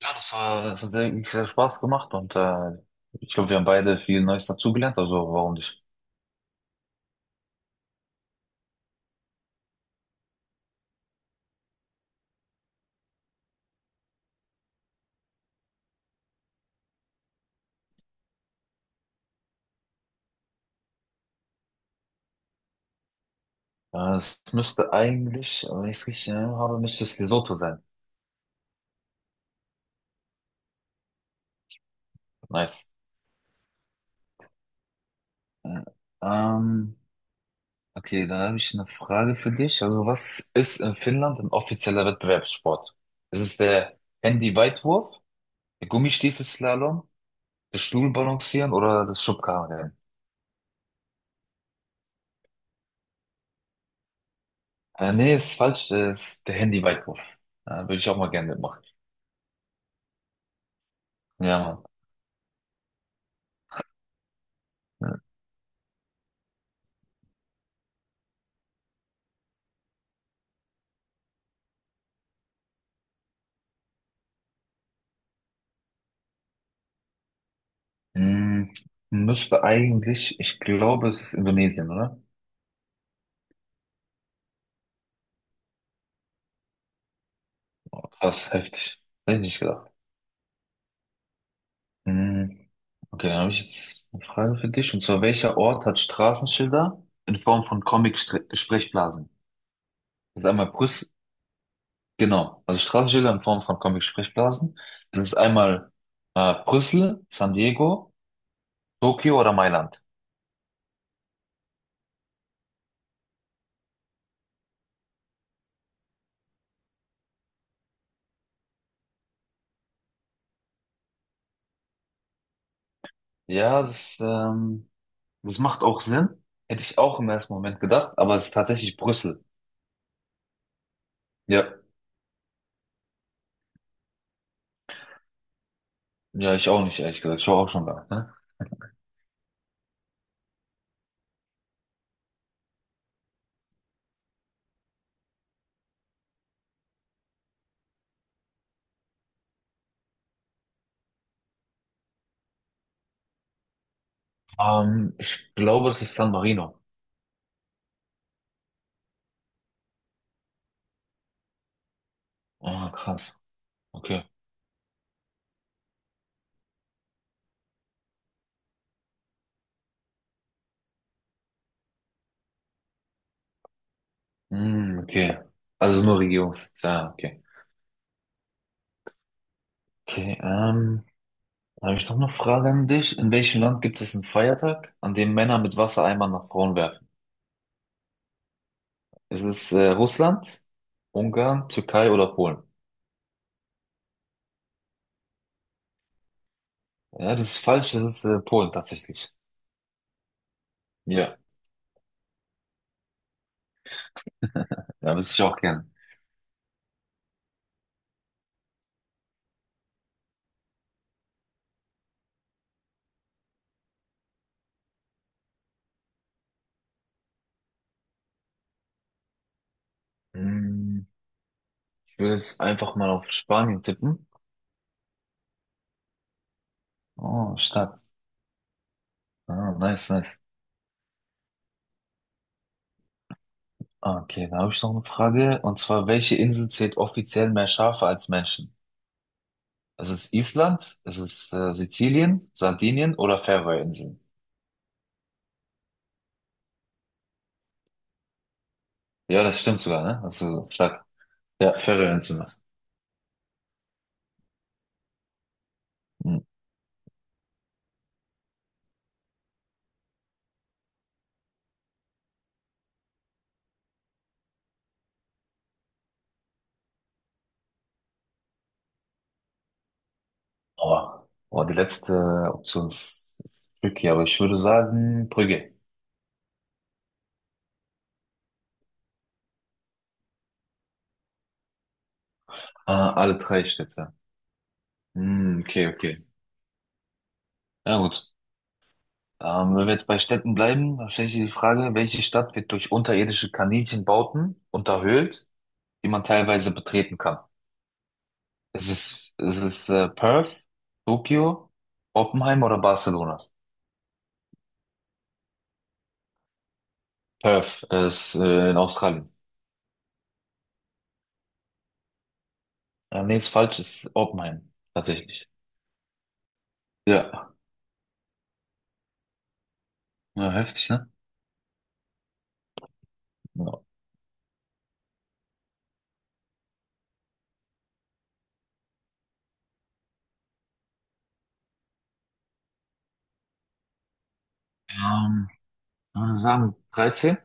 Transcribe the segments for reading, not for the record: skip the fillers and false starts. Ja, das war, das hat sehr Spaß gemacht und ich glaube, wir haben beide viel Neues dazugelernt, also warum nicht? Es müsste eigentlich, wenn ich es richtig erinnert habe, müsste es Lesotho sein. Nice. Äh, ähm, okay, dann habe ich eine Frage für dich. Also was ist in Finnland ein offizieller Wettbewerbssport? Ist es der Handy-Weitwurf, der Gummistiefelslalom, das Stuhlbalancieren oder das Schubkarrenrennen? Nee, ist falsch, es ist der Handy-Weitwurf. Würde ich auch mal gerne mitmachen. Ja, Mann. Hm, müsste eigentlich, ich glaube, es ist Indonesien, oder? Krass, heftig. Hätte ich nicht gedacht. Hm, okay, dann habe ich jetzt eine Frage für dich. Und zwar, welcher Ort hat Straßenschilder in Form von Comic-Sprechblasen? Das ist einmal Brüssel, genau, also Straßenschilder in Form von Comic-Sprechblasen. Das ist einmal Brüssel, San Diego, Tokio oder Mailand. Ja, das macht auch Sinn. Hätte ich auch im ersten Moment gedacht, aber es ist tatsächlich Brüssel. Ja. Ja, ich auch nicht, ehrlich gesagt. Ich war auch schon da. Ne? Ich glaube, das ist San Marino. Ah, krass. Okay. Hm, okay. Also nur Regierungssitz. Ja, okay. Okay, dann habe ich noch eine Frage an dich. In welchem Land gibt es einen Feiertag, an dem Männer mit Wassereimern nach Frauen werfen? Ist es Russland, Ungarn, Türkei oder Polen? Ja, das ist falsch. Das ist Polen tatsächlich. Ja, ja, wüsste ich auch gern. Hm, ich würde es einfach mal auf Spanien tippen. Oh, stark. Ah, nice, nice. Okay, dann habe ich noch eine Frage. Und zwar, welche Insel zählt offiziell mehr Schafe als Menschen? Ist es Island? Ist es Sizilien, Sardinien oder Färöerinseln? Ja, das stimmt sogar, ne? Das ist so stark. Ja, Färöerinseln. Mhm. Aber boah, die letzte Option ist tricky, aber ich würde sagen Brügge. Ah, alle drei Städte. Hm, okay, okay. Na gut. Wenn wir jetzt bei Städten bleiben, dann stelle ich dir die Frage, welche Stadt wird durch unterirdische Kaninchenbauten unterhöhlt, die man teilweise betreten kann? Es, ist Perth, Tokio, Oppenheim oder Barcelona? Perth ist in Australien. Nee, ist falsch, ist Oppenheim, tatsächlich. Ja, ja, heftig, ne? Ja. Ähm, Würde sagen, 13?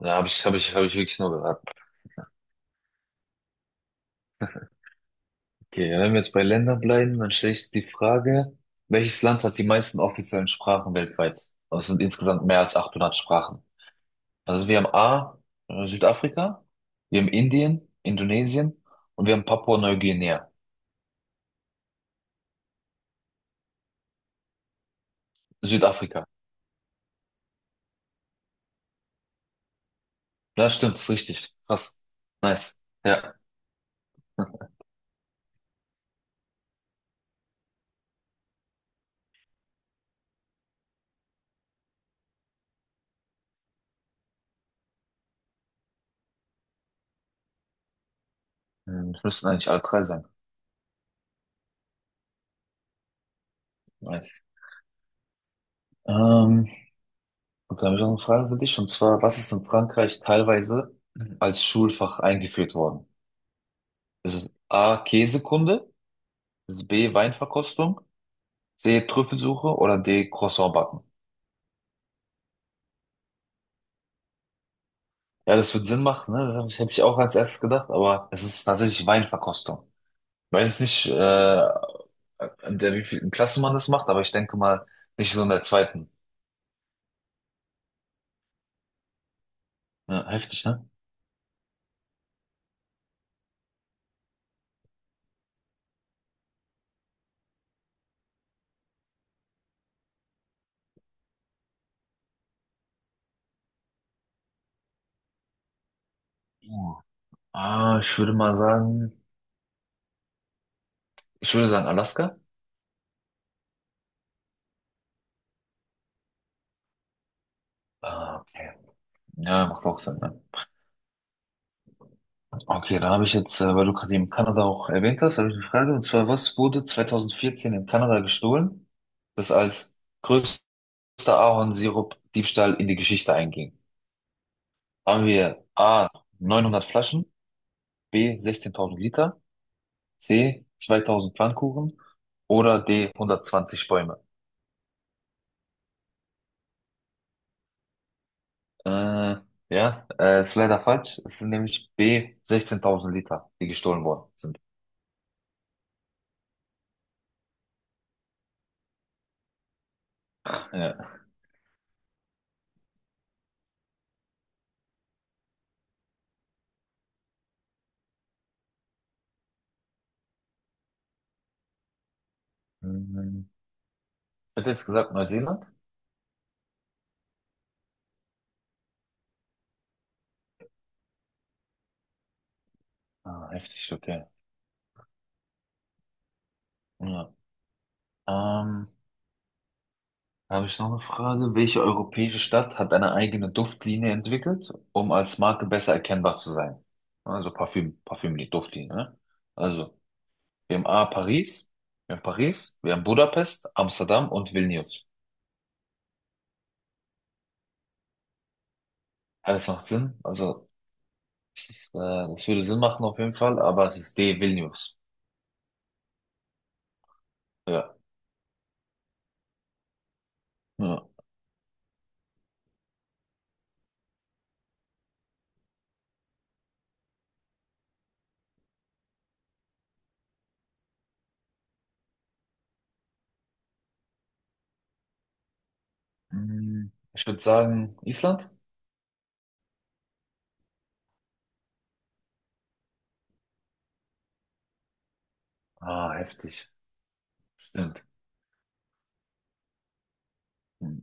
Da habe ich wirklich nur geraten. Okay, wenn wir jetzt bei Ländern bleiben, dann stelle ich die Frage, welches Land hat die meisten offiziellen Sprachen weltweit? Das sind insgesamt mehr als 800 Sprachen. Also wir haben A, Südafrika, wir haben Indien, Indonesien und wir haben Papua-Neuguinea, Südafrika. Ja, stimmt, ist richtig. Krass. Nice. Ja. Hm, das müssten eigentlich alle drei sein. Nice. Ähm, und dann habe ich noch eine Frage für dich, und zwar, was ist in Frankreich teilweise als Schulfach eingeführt worden? Ist es A, Käsekunde, B, Weinverkostung, C, Trüffelsuche oder D, Croissant backen? Ja, das wird Sinn machen, ne? Hätte ich auch als erstes gedacht, aber es ist tatsächlich Weinverkostung. Weiß nicht, an der wievielten Klasse man das macht, aber ich denke mal nicht so in der zweiten. Ja, heftig, ne? Ja. Ich würde mal sagen, ich würde sagen Alaska. Ah, okay. Ja, macht auch Sinn, ne? Okay, da habe ich jetzt, weil du gerade eben Kanada auch erwähnt hast, habe ich eine Frage. Und zwar, was wurde 2014 in Kanada gestohlen, das als größter Ahornsirup-Diebstahl in die Geschichte einging? Haben wir A, 900 Flaschen, B, 16.000 Liter, C, 2000 Pfannkuchen oder D, 120 Bäume? Äh, ja, ist leider falsch. Es sind nämlich B, 16.000 Liter, die gestohlen worden sind. Ja. Mhm. Hätte jetzt gesagt Neuseeland? Ah, heftig, okay. Ja. Ähm, Da habe ich noch eine Frage. Welche europäische Stadt hat eine eigene Duftlinie entwickelt, um als Marke besser erkennbar zu sein? Also Parfüm, Parfümlinie, Duftlinie, ne? Also, wir haben Paris, wir haben Paris, wir haben Budapest, Amsterdam und Vilnius. Ja, das macht Sinn. Also, das würde Sinn machen auf jeden Fall, aber es ist D, Vilnius. Ja. Ja. Hm, ich würde sagen, Island? Ah, heftig. Stimmt. Mhm.